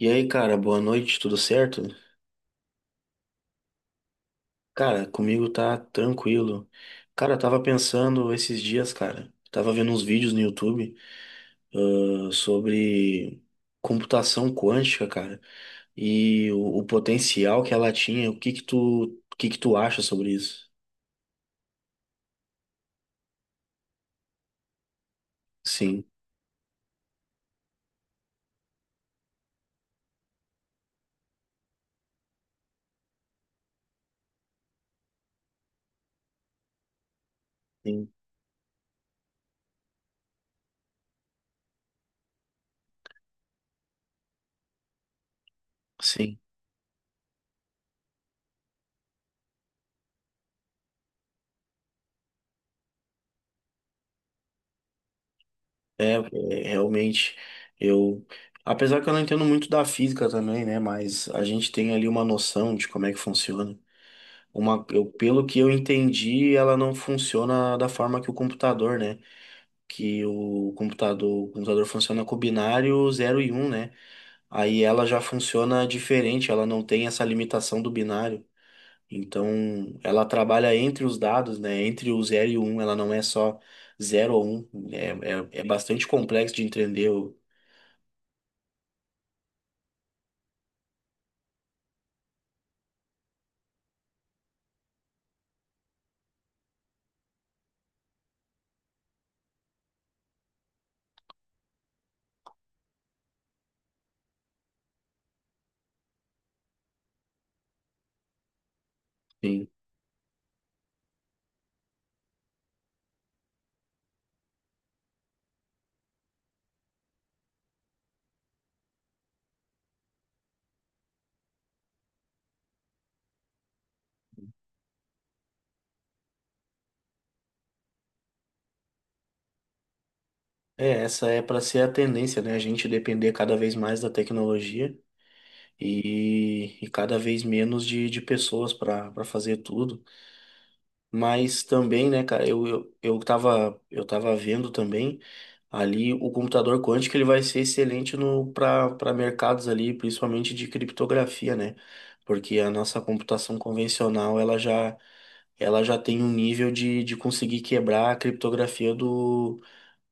E aí, cara, boa noite, tudo certo? Cara, comigo tá tranquilo. Cara, eu tava pensando esses dias, cara, tava vendo uns vídeos no YouTube, sobre computação quântica, cara, e o potencial que ela tinha. O que que tu, o que que tu acha sobre isso? Sim, sim, sim. É, é, realmente, eu, apesar que eu não entendo muito da física também, né, mas a gente tem ali uma noção de como é que funciona. Pelo que eu entendi, ela não funciona da forma que o computador, né? Que o computador funciona com binário 0 e 1, né? Aí ela já funciona diferente, ela não tem essa limitação do binário. Então, ela trabalha entre os dados, né? Entre o zero e o 1, ela não é só 0 ou 1. É, é, é bastante complexo de entender. Sim. É, essa é para ser a tendência, né? A gente depender cada vez mais da tecnologia. E, e cada vez menos de pessoas para para fazer tudo. Mas também, né, cara, eu tava, eu tava vendo também ali o computador quântico, ele vai ser excelente no para para mercados ali, principalmente de criptografia, né? Porque a nossa computação convencional ela já tem um nível de conseguir quebrar a criptografia do,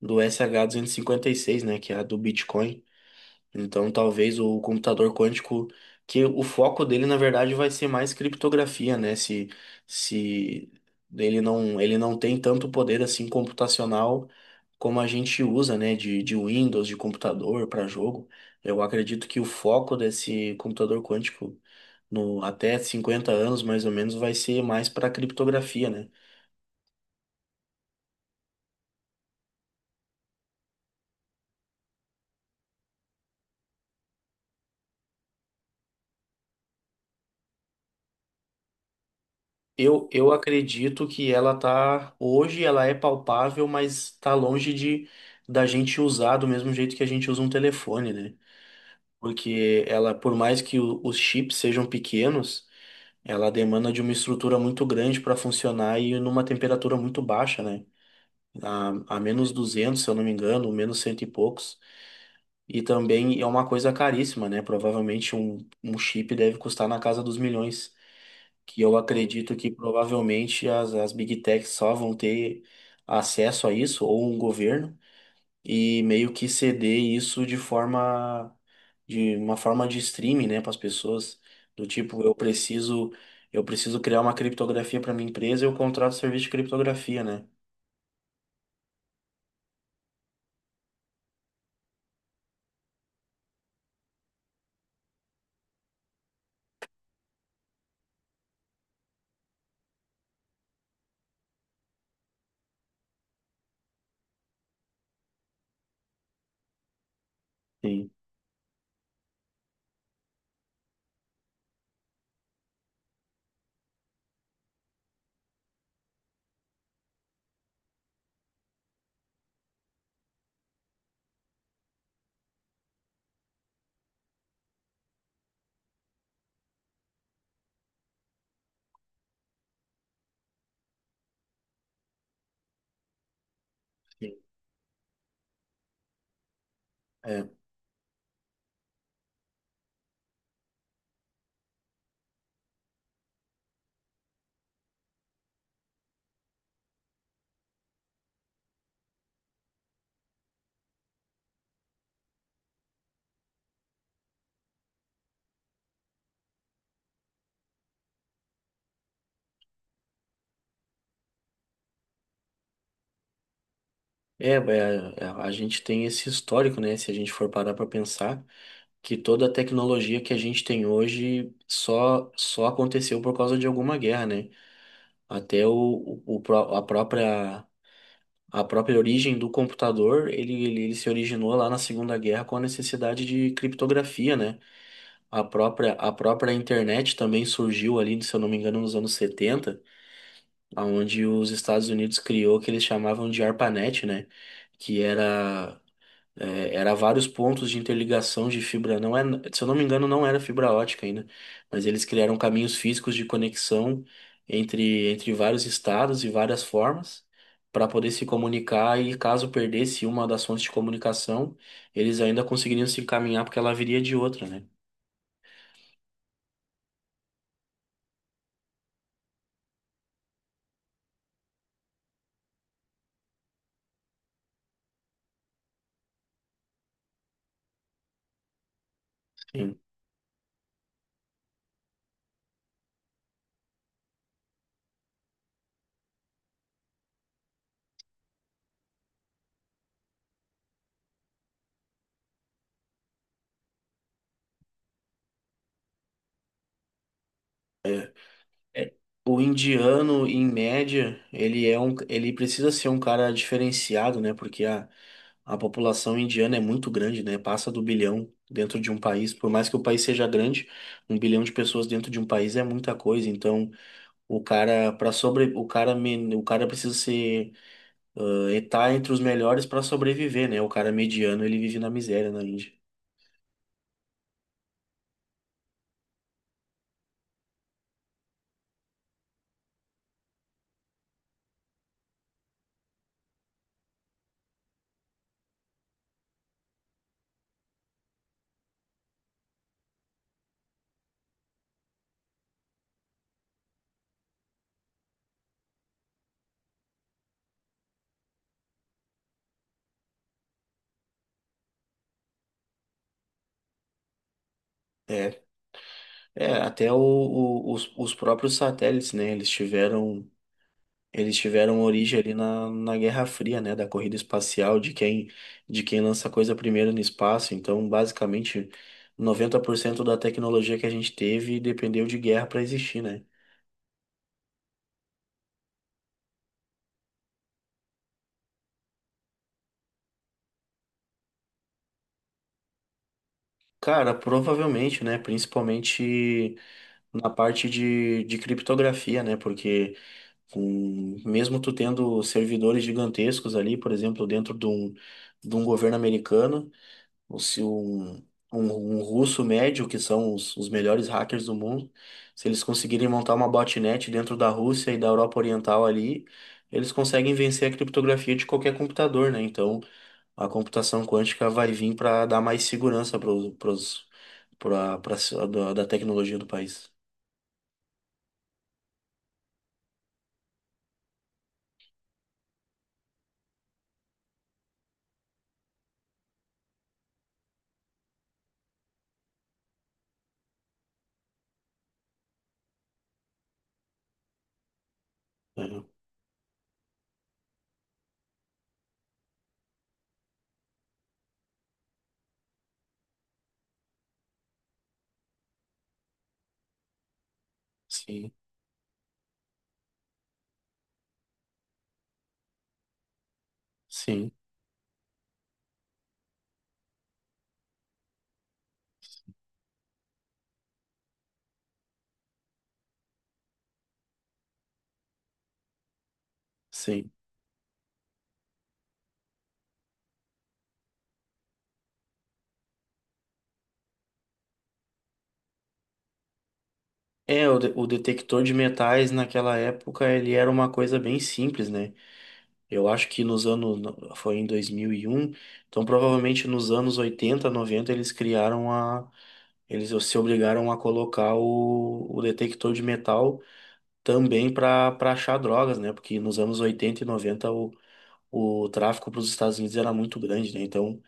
do sh seis, né? Que é a do Bitcoin. Então, talvez o computador quântico, que o foco dele, na verdade, vai ser mais criptografia, né? Se ele não, ele não tem tanto poder assim computacional como a gente usa, né? De Windows, de computador para jogo. Eu acredito que o foco desse computador quântico, no, até 50 anos mais ou menos, vai ser mais para criptografia, né? Eu acredito que ela tá hoje, ela é palpável, mas tá longe de da gente usar do mesmo jeito que a gente usa um telefone, né? Porque ela, por mais que os chips sejam pequenos, ela demanda de uma estrutura muito grande para funcionar e numa temperatura muito baixa, né? A -200 se eu não me engano, menos cento e poucos. E também é uma coisa caríssima, né? Provavelmente um chip deve custar na casa dos milhões, que eu acredito que provavelmente as, as Big Techs só vão ter acesso a isso, ou um governo, e meio que ceder isso de forma de uma forma de streaming, né, para as pessoas, do tipo, eu preciso criar uma criptografia para minha empresa, eu contrato serviço de criptografia, né? Sim, sim. É, é, a gente tem esse histórico, né? Se a gente for parar para pensar, que toda a tecnologia que a gente tem hoje só só aconteceu por causa de alguma guerra, né? Até a própria origem do computador, ele se originou lá na Segunda Guerra com a necessidade de criptografia, né? A própria internet também surgiu ali, se eu não me engano, nos anos 70, onde os Estados Unidos criou o que eles chamavam de ARPANET, né? Que era era vários pontos de interligação de fibra. Não é, se eu não me engano, não era fibra ótica ainda, mas eles criaram caminhos físicos de conexão entre, entre vários estados e várias formas para poder se comunicar e caso perdesse uma das fontes de comunicação, eles ainda conseguiriam se encaminhar porque ela viria de outra, né? Sim. É, o indiano, em média, ele é um, ele precisa ser um cara diferenciado, né? Porque a população indiana é muito grande, né? Passa do bilhão dentro de um país. Por mais que o país seja grande, 1 bilhão de pessoas dentro de um país é muita coisa. Então, o cara para sobre, o cara men- o cara precisa ser tá entre os melhores para sobreviver, né? O cara mediano ele vive na miséria na Índia. É, é até os próprios satélites, né? Eles tiveram origem ali na, na Guerra Fria, né, da corrida espacial, de quem lança coisa primeiro no espaço. Então, basicamente, 90% da tecnologia que a gente teve dependeu de guerra para existir, né? Cara, provavelmente, né, principalmente na parte de criptografia, né, porque com, mesmo tu tendo servidores gigantescos ali, por exemplo, dentro de um governo americano, ou se um, um russo médio, que são os melhores hackers do mundo, se eles conseguirem montar uma botnet dentro da Rússia e da Europa Oriental ali, eles conseguem vencer a criptografia de qualquer computador, né? Então, a computação quântica vai vir para dar mais segurança para os para da da tecnologia do país. É, sim, sim, sim. É, o, o detector de metais naquela época ele era uma coisa bem simples, né? Eu acho que nos anos. Foi em 2001. Então, provavelmente nos anos 80, 90, eles criaram a. Eles se obrigaram a colocar o detector de metal também para para achar drogas, né? Porque nos anos 80 e 90 o tráfico para os Estados Unidos era muito grande, né? Então,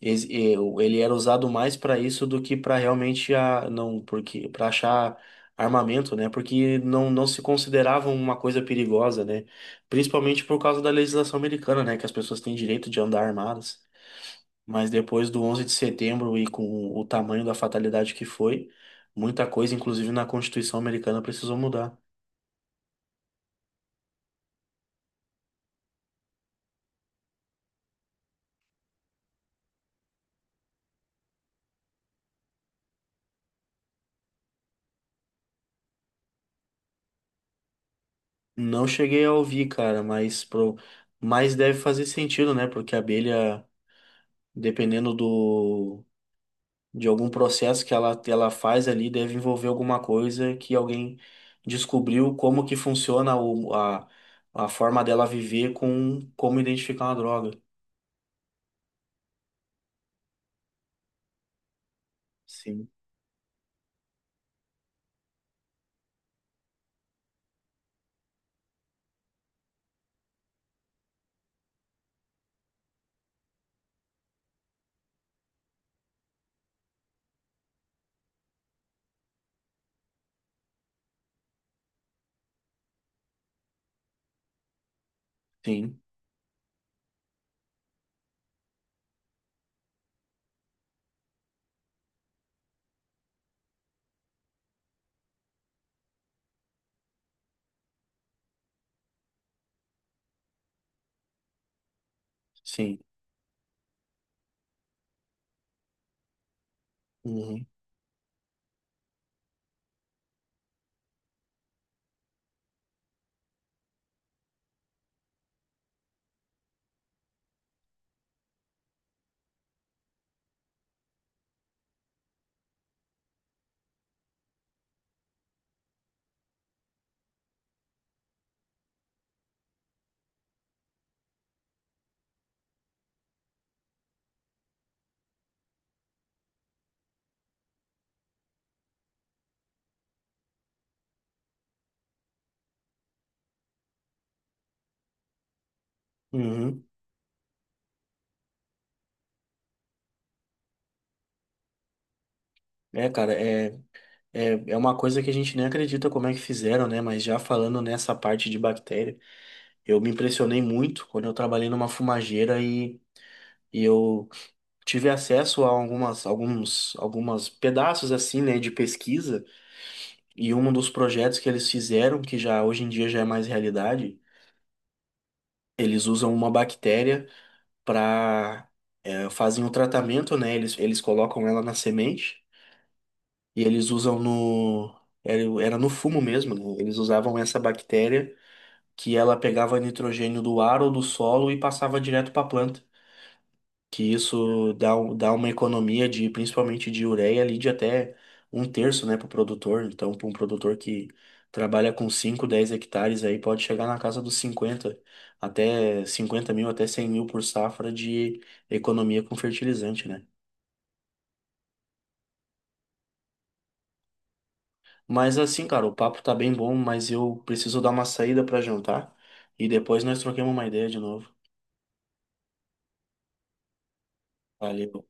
ele era usado mais para isso do que para realmente a, não, porque para achar armamento, né? Porque não, não se considerava uma coisa perigosa, né? Principalmente por causa da legislação americana, né? Que as pessoas têm direito de andar armadas. Mas depois do 11 de setembro e com o tamanho da fatalidade que foi, muita coisa, inclusive na Constituição americana, precisou mudar. Não cheguei a ouvir, cara, mas pro, mas deve fazer sentido, né? Porque a abelha, dependendo do de algum processo que ela faz ali deve envolver alguma coisa que alguém descobriu como que funciona a forma dela viver com como identificar uma droga. Sim, sim, sim. Uhum, uhum. É, cara, é uma coisa que a gente nem acredita como é que fizeram, né? Mas já falando nessa parte de bactéria, eu me impressionei muito quando eu trabalhei numa fumageira e eu tive acesso a algumas, alguns, algumas pedaços assim, né, de pesquisa. E um dos projetos que eles fizeram, que já hoje em dia já é mais realidade, eles usam uma bactéria para fazem o tratamento, né? Eles colocam ela na semente e eles usam no era, era no fumo mesmo, né? Eles usavam essa bactéria que ela pegava nitrogênio do ar ou do solo e passava direto para a planta, que isso dá, dá uma economia de principalmente de ureia ali de até um terço, né, para o produtor. Então, para um produtor que trabalha com 5 10 hectares aí pode chegar na casa dos cinquenta, até 50 mil, até 100 mil por safra de economia com fertilizante, né? Mas assim, cara, o papo tá bem bom, mas eu preciso dar uma saída para jantar e depois nós troquemos uma ideia de novo. Valeu.